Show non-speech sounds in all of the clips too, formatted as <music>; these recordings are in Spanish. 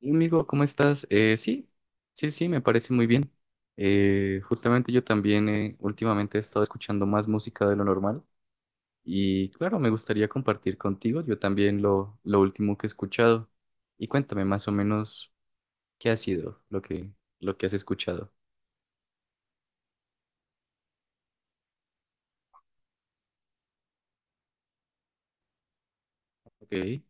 Hola, amigo, ¿cómo estás? Sí, sí, sí, me parece muy bien. Justamente yo también últimamente he estado escuchando más música de lo normal. Y claro, me gustaría compartir contigo yo también lo último que he escuchado. Y cuéntame más o menos qué ha sido lo que has escuchado. Ok.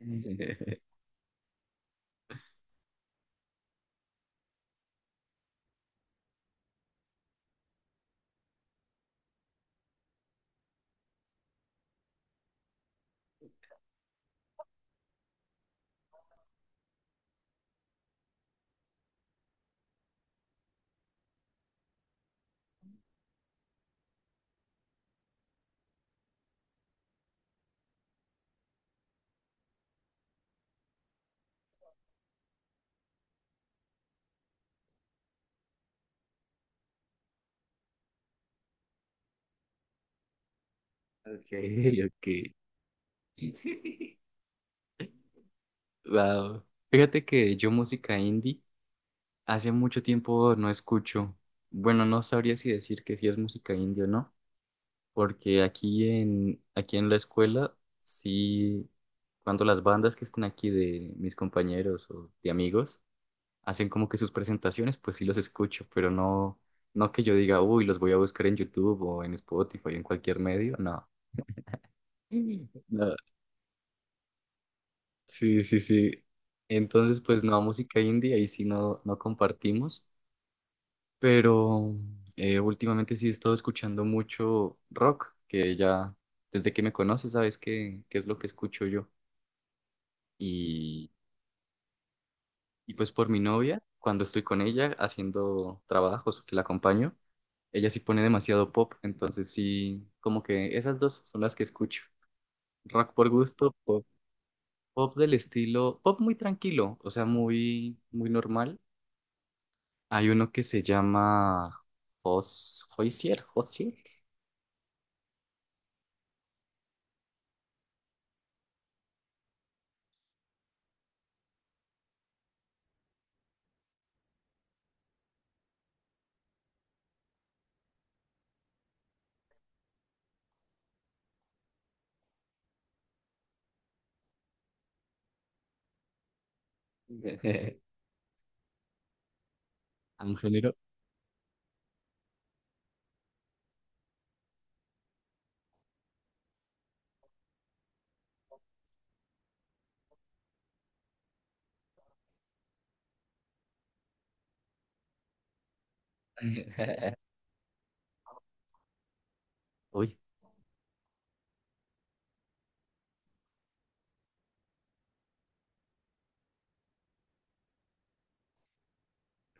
<laughs> Ok, ok. <laughs> Wow. Fíjate que yo música indie hace mucho tiempo no escucho. Bueno, no sabría si decir que sí es música indie o no, porque aquí en, aquí en la escuela, sí, cuando las bandas que están aquí de mis compañeros o de amigos hacen como que sus presentaciones, pues sí los escucho, pero no, no que yo diga, uy, los voy a buscar en YouTube o en Spotify o en cualquier medio, no. Mm. No. Sí, sí, sí. Entonces, pues no, música indie, ahí sí no, no compartimos, pero últimamente sí he estado escuchando mucho rock, que ya desde que me conoces sabes qué es lo que escucho yo. Y, y pues por mi novia, cuando estoy con ella haciendo trabajos que la acompaño, ella sí pone demasiado pop, entonces sí, como que esas dos son las que escucho. Rock por gusto, pop, pop del estilo, pop muy tranquilo, o sea, muy, muy normal. Hay uno que se llama Hoisier, Hoisier. <laughs> A un género. <laughs> Uy,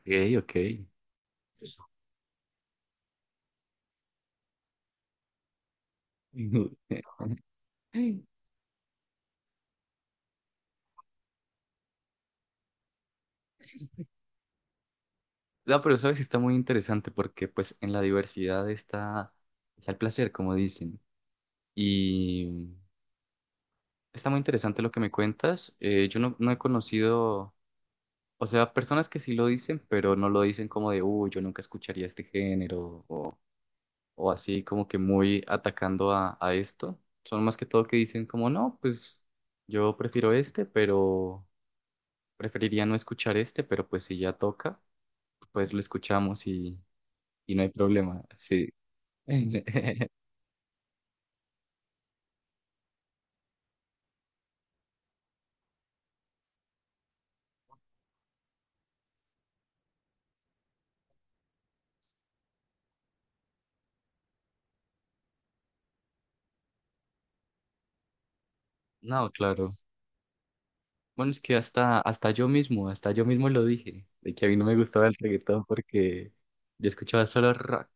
ok, ok. <laughs> No, pero sabes, está muy interesante porque pues en la diversidad está el placer, como dicen. Y está muy interesante lo que me cuentas. Yo no, no he conocido, o sea, personas que sí lo dicen, pero no lo dicen como de, uy, yo nunca escucharía este género o, así como que muy atacando a, esto. Son más que todo que dicen como, no, pues yo prefiero este, pero preferiría no escuchar este, pero pues si ya toca, pues lo escuchamos y no hay problema. Sí. <laughs> No, claro. Bueno, es que hasta yo mismo, hasta yo mismo lo dije, de que a mí no me gustaba el reggaetón porque yo escuchaba solo rock.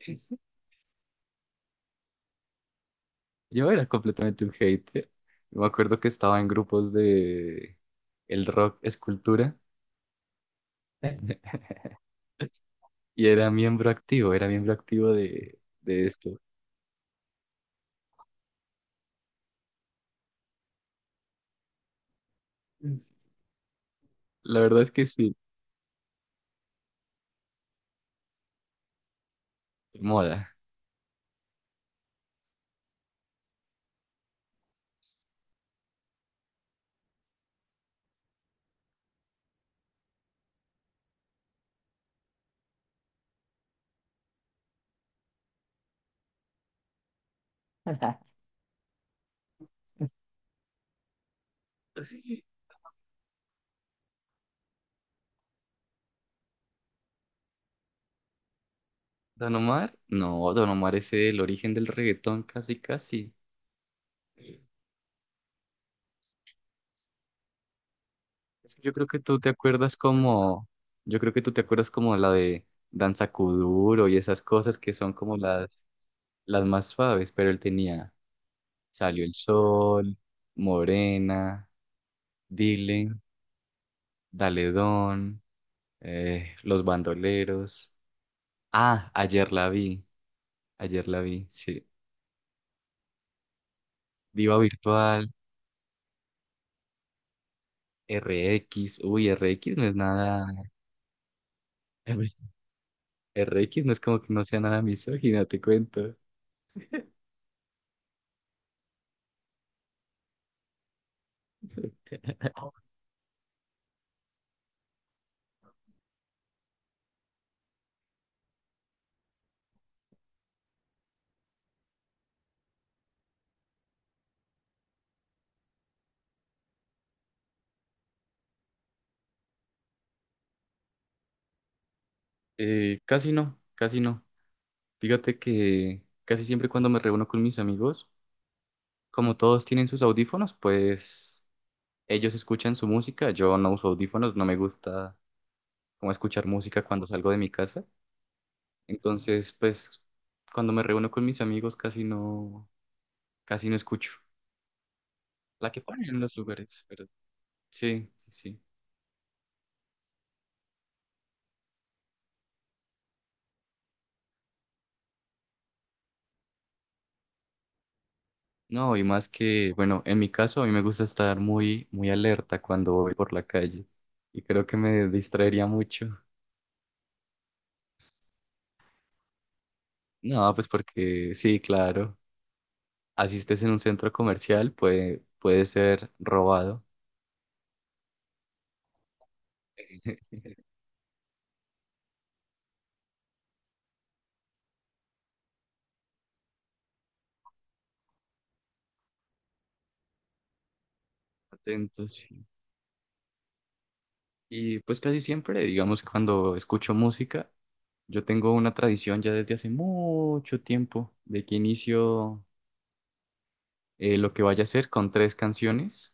<laughs> Yo era completamente un hater. Yo me acuerdo que estaba en grupos de "el rock es cultura" <laughs> y era miembro activo de esto. La verdad es que sí, moda. Don Omar, no, Don Omar es el origen del reggaetón, casi, casi. Es que yo creo que tú te acuerdas como la de Danza Kuduro y esas cosas que son como las más suaves, pero él tenía Salió el Sol, Morena, Dile, Dale Don, Los Bandoleros. Ah, ayer la vi, sí. Diva Virtual, RX, uy, RX no es nada. <laughs> RX no es como que no sea nada misógina, te cuento. Casi no, casi no. Fíjate que casi siempre cuando me reúno con mis amigos, como todos tienen sus audífonos, pues ellos escuchan su música. Yo no uso audífonos, no me gusta como escuchar música cuando salgo de mi casa. Entonces, pues cuando me reúno con mis amigos casi no escucho. La que ponen en los lugares, pero sí, sí, sí. No, y más que, bueno, en mi caso a mí me gusta estar muy, muy alerta cuando voy por la calle y creo que me distraería mucho. No, pues porque sí, claro, asistes en un centro comercial, puede ser robado. <laughs> Atentos. Sí. Y pues casi siempre, digamos, cuando escucho música, yo tengo una tradición ya desde hace mucho tiempo de que inicio lo que vaya a hacer con tres canciones.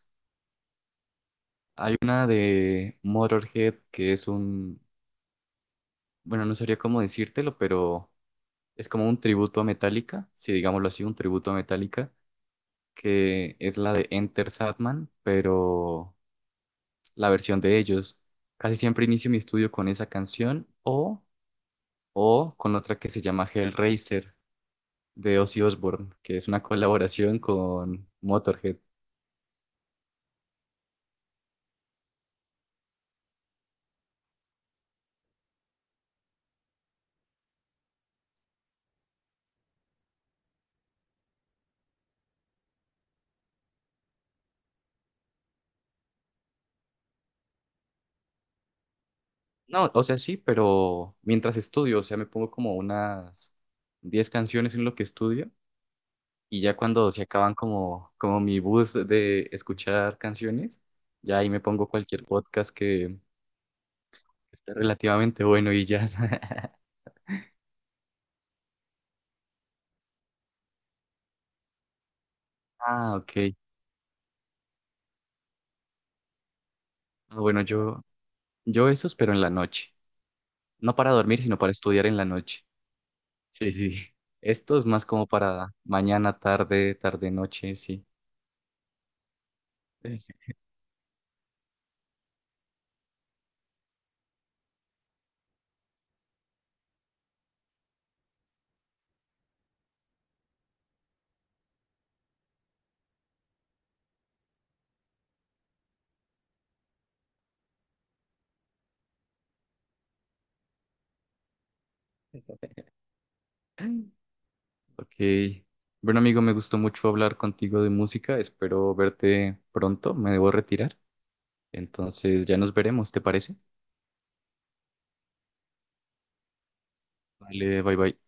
Hay una de Motorhead, que es un. Bueno, no sabría cómo decírtelo, pero es como un tributo a Metallica, si digámoslo así, un tributo a Metallica, que es la de Enter Sandman, pero la versión de ellos. Casi siempre inicio mi estudio con esa canción o, con otra que se llama Hellraiser de Ozzy Osbourne, que es una colaboración con Motorhead. No, o sea, sí, pero mientras estudio, o sea, me pongo como unas 10 canciones en lo que estudio. Y ya cuando se acaban como, como mi bus de escuchar canciones, ya ahí me pongo cualquier podcast que esté relativamente bueno y ya. <laughs> Ah, ok. Ah, bueno, yo esos, pero en la noche. No para dormir, sino para estudiar en la noche. Sí, sí. <laughs> Esto es más como para mañana, tarde, tarde, noche, sí. <laughs> Sí. Ok. Bueno, amigo, me gustó mucho hablar contigo de música. Espero verte pronto. Me debo retirar. Entonces ya nos veremos, ¿te parece? Vale, bye bye.